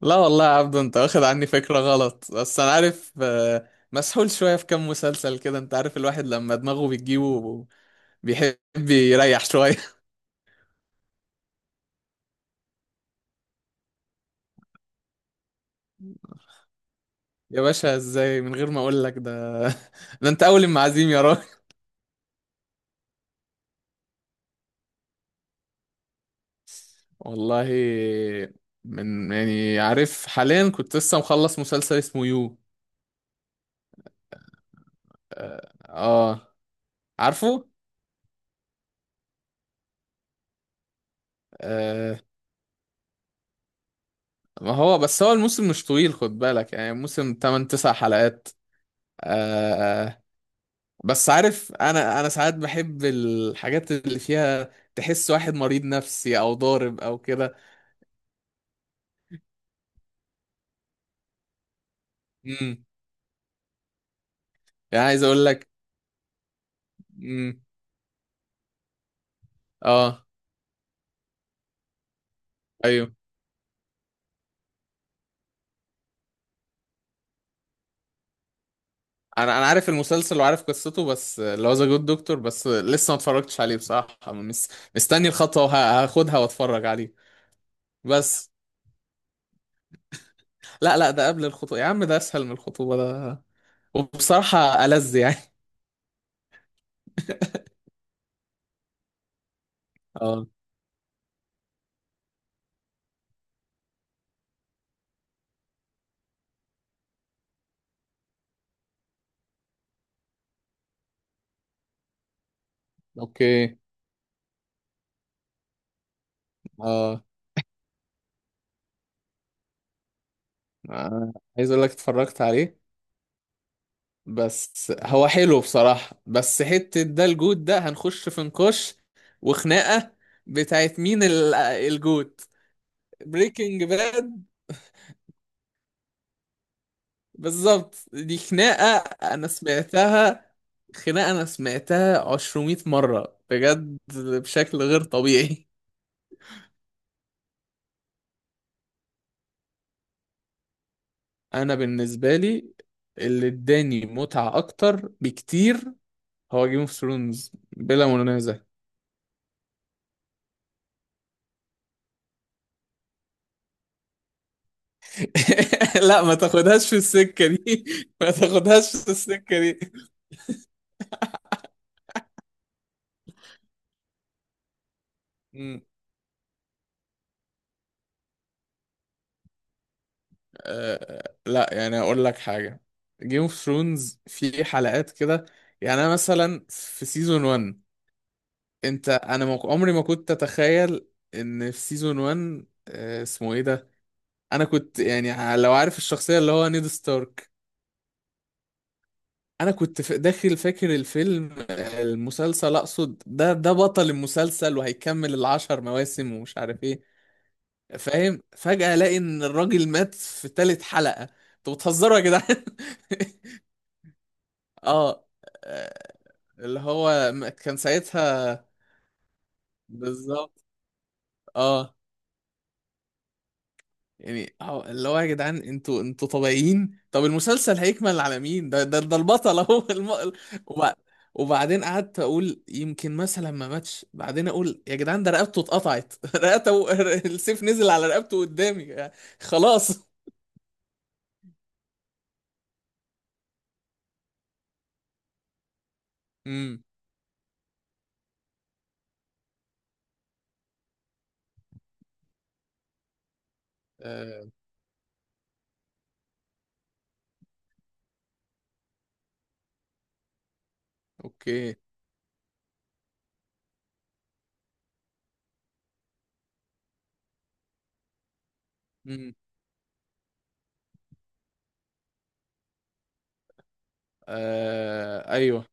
لا والله يا عبدو، انت واخد عني فكرة غلط. بس انا عارف، مسحول شوية في كام مسلسل كده. انت عارف الواحد لما دماغه بتجيبه بيحب يريح شوية. يا باشا، ازاي من غير ما اقول لك ده؟ ده انت اول المعازيم يا راجل! والله، من يعني عارف، حاليا كنت لسه مخلص مسلسل اسمه يو. اه، عارفه. آه. ما هو بس هو الموسم مش طويل، خد بالك، يعني موسم 8 9 حلقات. آه، آه، بس عارف، انا ساعات بحب الحاجات اللي فيها تحس واحد مريض نفسي او ضارب او كده. امم يعني عايز اقول لك. امم، اه، ايوه، انا عارف المسلسل وعارف قصته. بس اللي هو ذا جود دكتور، بس لسه ما اتفرجتش عليه بصراحه. مستني الخطوه هاخدها واتفرج عليه. بس لا، لا، ده قبل الخطوه يا عم. ده اسهل من الخطوبه ده، وبصراحه ألذ يعني. اه. اوكي. اه، آه، عايز اقول لك اتفرجت عليه. بس هو حلو بصراحة. بس حتة ده الجوت ده هنخش في نقاش وخناقة بتاعت مين الجوت. بريكنج باد. بالظبط، دي خناقة أنا سمعتها. خناقة أنا سمعتها عشرمية مرة بجد، بشكل غير طبيعي. أنا بالنسبة لي، اللي اداني متعة أكتر بكتير هو جيم اوف ثرونز بلا منازع. لا، ما تاخدهاش في السكة دي. ما تاخدهاش في السكة دي. مم. أه، آه، لا، يعني اقول لك حاجه، جيم اوف ثرونز في حلقات كده. يعني انا مثلا في سيزون 1، انت انا ما- عمري ما كنت اتخيل ان في سيزون 1، اسمه ايه ده، انا كنت يعني لو عارف الشخصيه اللي هو نيد ستارك. انا كنت داخل فاكر الفيلم، المسلسل اقصد، ده بطل المسلسل وهيكمل العشر مواسم ومش عارف ايه، فاهم؟ فجاه الاقي ان الراجل مات في تالت حلقه. انتوا بتهزروا يا جدعان! اه، آه، كان ساعتها بالظبط. اه، يعني اللي هو يا جدعان، انتوا طبيعيين؟ طب المسلسل هيكمل على مين؟ ده البطل اهو! وبع- وبعدين قعدت اقول يمكن مثلا ما ماتش. بعدين اقول يا جدعان، ده رقبته اتقطعت. رقبته، السيف نزل على رقبته قدامي. خلاص. امم. آه. اوكي. امم. آه. ايوه.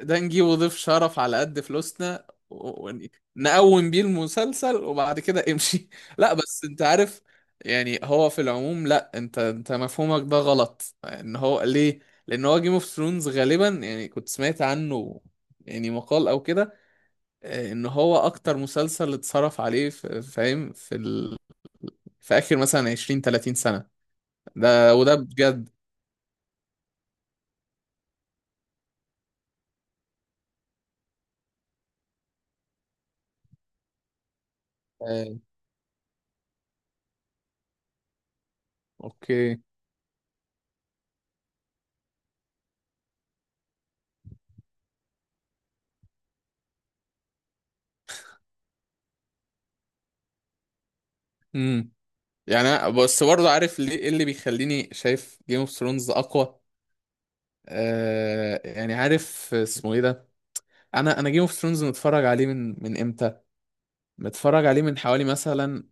ده نجيبه ضيف شرف على قد فلوسنا نقوم بيه المسلسل وبعد كده امشي. لا بس انت عارف، يعني هو في العموم، لا، انت مفهومك ده غلط. ان هو ليه؟ لان هو جيم اوف ثرونز غالبا، يعني كنت سمعت عنه، يعني مقال او كده، ان هو اكتر مسلسل اتصرف عليه فاهم في اخر مثلا 20 30 سنة. ده وده بجد. آه، اوكي. يعني بس برضه عارف ليه ايه اللي بيخليني شايف جيم اوف ثرونز اقوى؟ آه، يعني عارف اسمه ايه ده، انا جيم اوف ثرونز متفرج عليه من امتى؟ متفرج عليه من حوالي مثلا،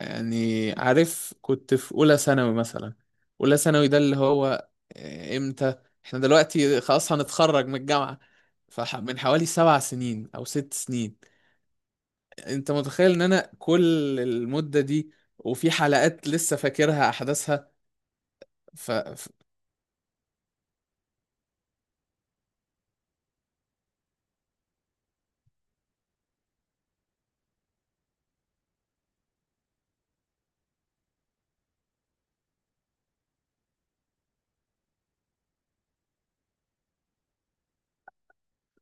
يعني عارف، كنت في اولى ثانوي مثلا. اولى ثانوي ده اللي هو امتى؟ احنا دلوقتي خلاص هنتخرج من الجامعة، فمن حوالي 7 سنين او 6 سنين. انت متخيل ان انا كل المدة دي وفي حلقات لسه فاكرها احداثها؟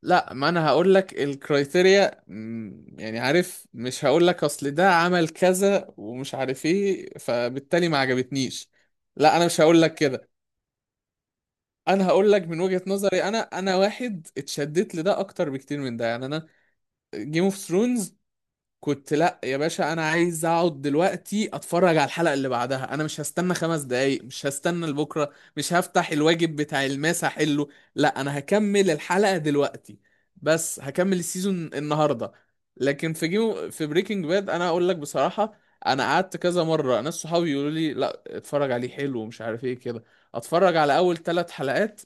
لا، ما انا هقول لك الكرايتيريا. يعني عارف، مش هقول لك اصل ده عمل كذا ومش عارف ايه فبالتالي ما عجبتنيش. لا، انا مش هقول لك كده. انا هقول لك من وجهة نظري، انا انا واحد اتشدت لده اكتر بكتير من ده، يعني انا جيم اوف ثرونز كنت، لا يا باشا، انا عايز اقعد دلوقتي اتفرج على الحلقه اللي بعدها. انا مش هستنى 5 دقايق، مش هستنى لبكره، مش هفتح الواجب بتاع الماس احله. لا انا هكمل الحلقه دلوقتي. بس هكمل السيزون النهارده. لكن في بريكنج باد، انا اقول لك بصراحه، انا قعدت كذا مره ناس صحابي يقولوا لي لا اتفرج عليه حلو ومش عارف ايه كده، اتفرج على اول 3 حلقات.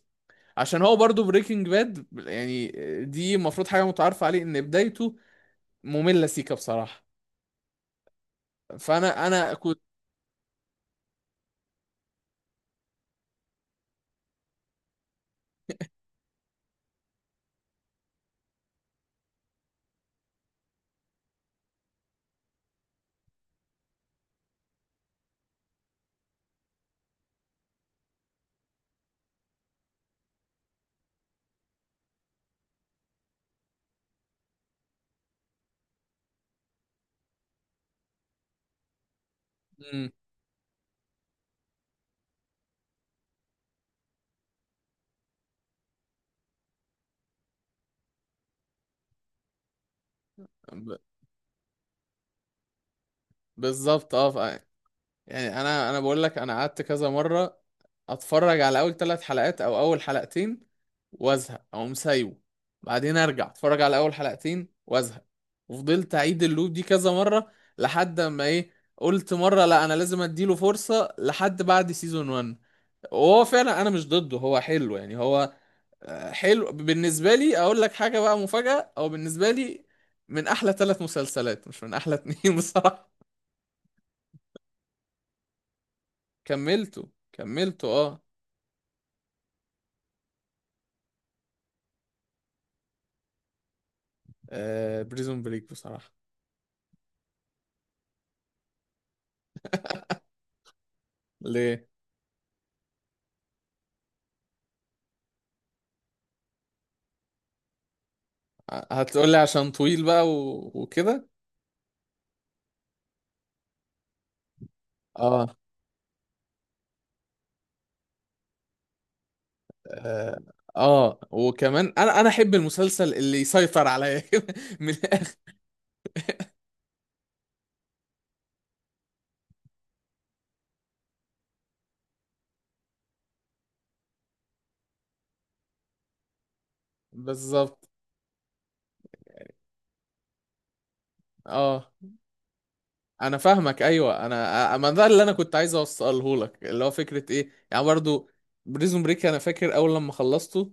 عشان هو برضو بريكنج باد يعني، دي المفروض حاجه متعارف عليه ان بدايته ممله سيكا بصراحه. فانا كنت. مم. ب- بالظبط. اه. يعني انا بقول لك، انا قعدت كذا مره اتفرج على اول ثلاث حلقات او اول حلقتين وازهق او مسايبه. بعدين ارجع اتفرج على اول حلقتين وازهق. وفضلت اعيد اللوب دي كذا مره لحد ما ايه، قلت مره لا انا لازم اديله فرصه لحد بعد سيزون 1. وهو فعلا انا مش ضده، هو حلو يعني. هو حلو بالنسبة لي. أقول لك حاجة بقى مفاجأة، أو بالنسبة لي من أحلى 3 مسلسلات، مش من أحلى اتنين. بصراحة. كملته أه. آه، بريزون بريك بصراحة. ليه؟ هتقولي عشان طويل بقى وكده. أه. آه. آه، وكمان أنا أحب المسلسل اللي يسيطر عليا كده، من الآخر. بالظبط. أه، انا فاهمك. ايوه، ما ده اللي انا كنت عايز اوصله لك، اللي هو فكره ايه يعني. برضو بريزون بريك انا فاكر اول لما خلصته،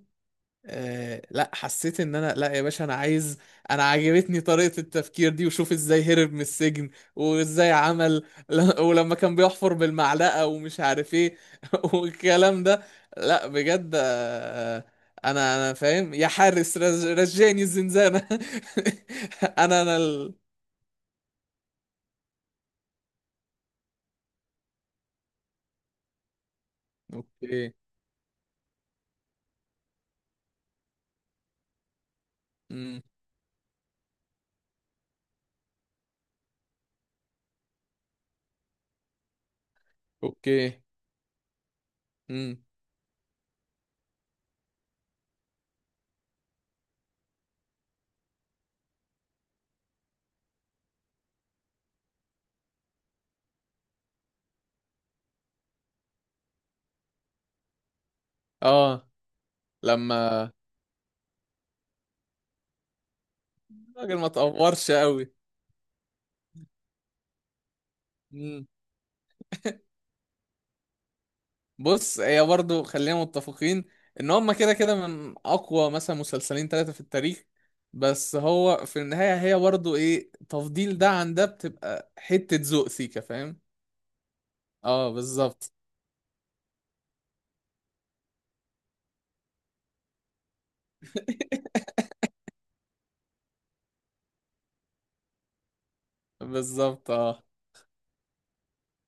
آه، لا، حسيت ان انا، لا يا باشا، انا عايز، انا عجبتني طريقه التفكير دي وشوف ازاي هرب من السجن وازاي عمل ولما كان بيحفر بالمعلقه ومش عارف ايه، والكلام ده. لا بجد، آه، انا فاهم يا حارس، رجعني الزنزانه. انا اوكي. امم. اوكي. امم. اه. لما الراجل ما تقورش قوي. امم. بص، هي برضو خلينا متفقين ان هما كده كده من اقوى مثلا مسلسلين ثلاثة في التاريخ. بس هو في النهاية، هي برضو ايه، تفضيل ده عن ده بتبقى حتة ذوق سيكا، فاهم؟ اه، بالظبط. بالظبط اه.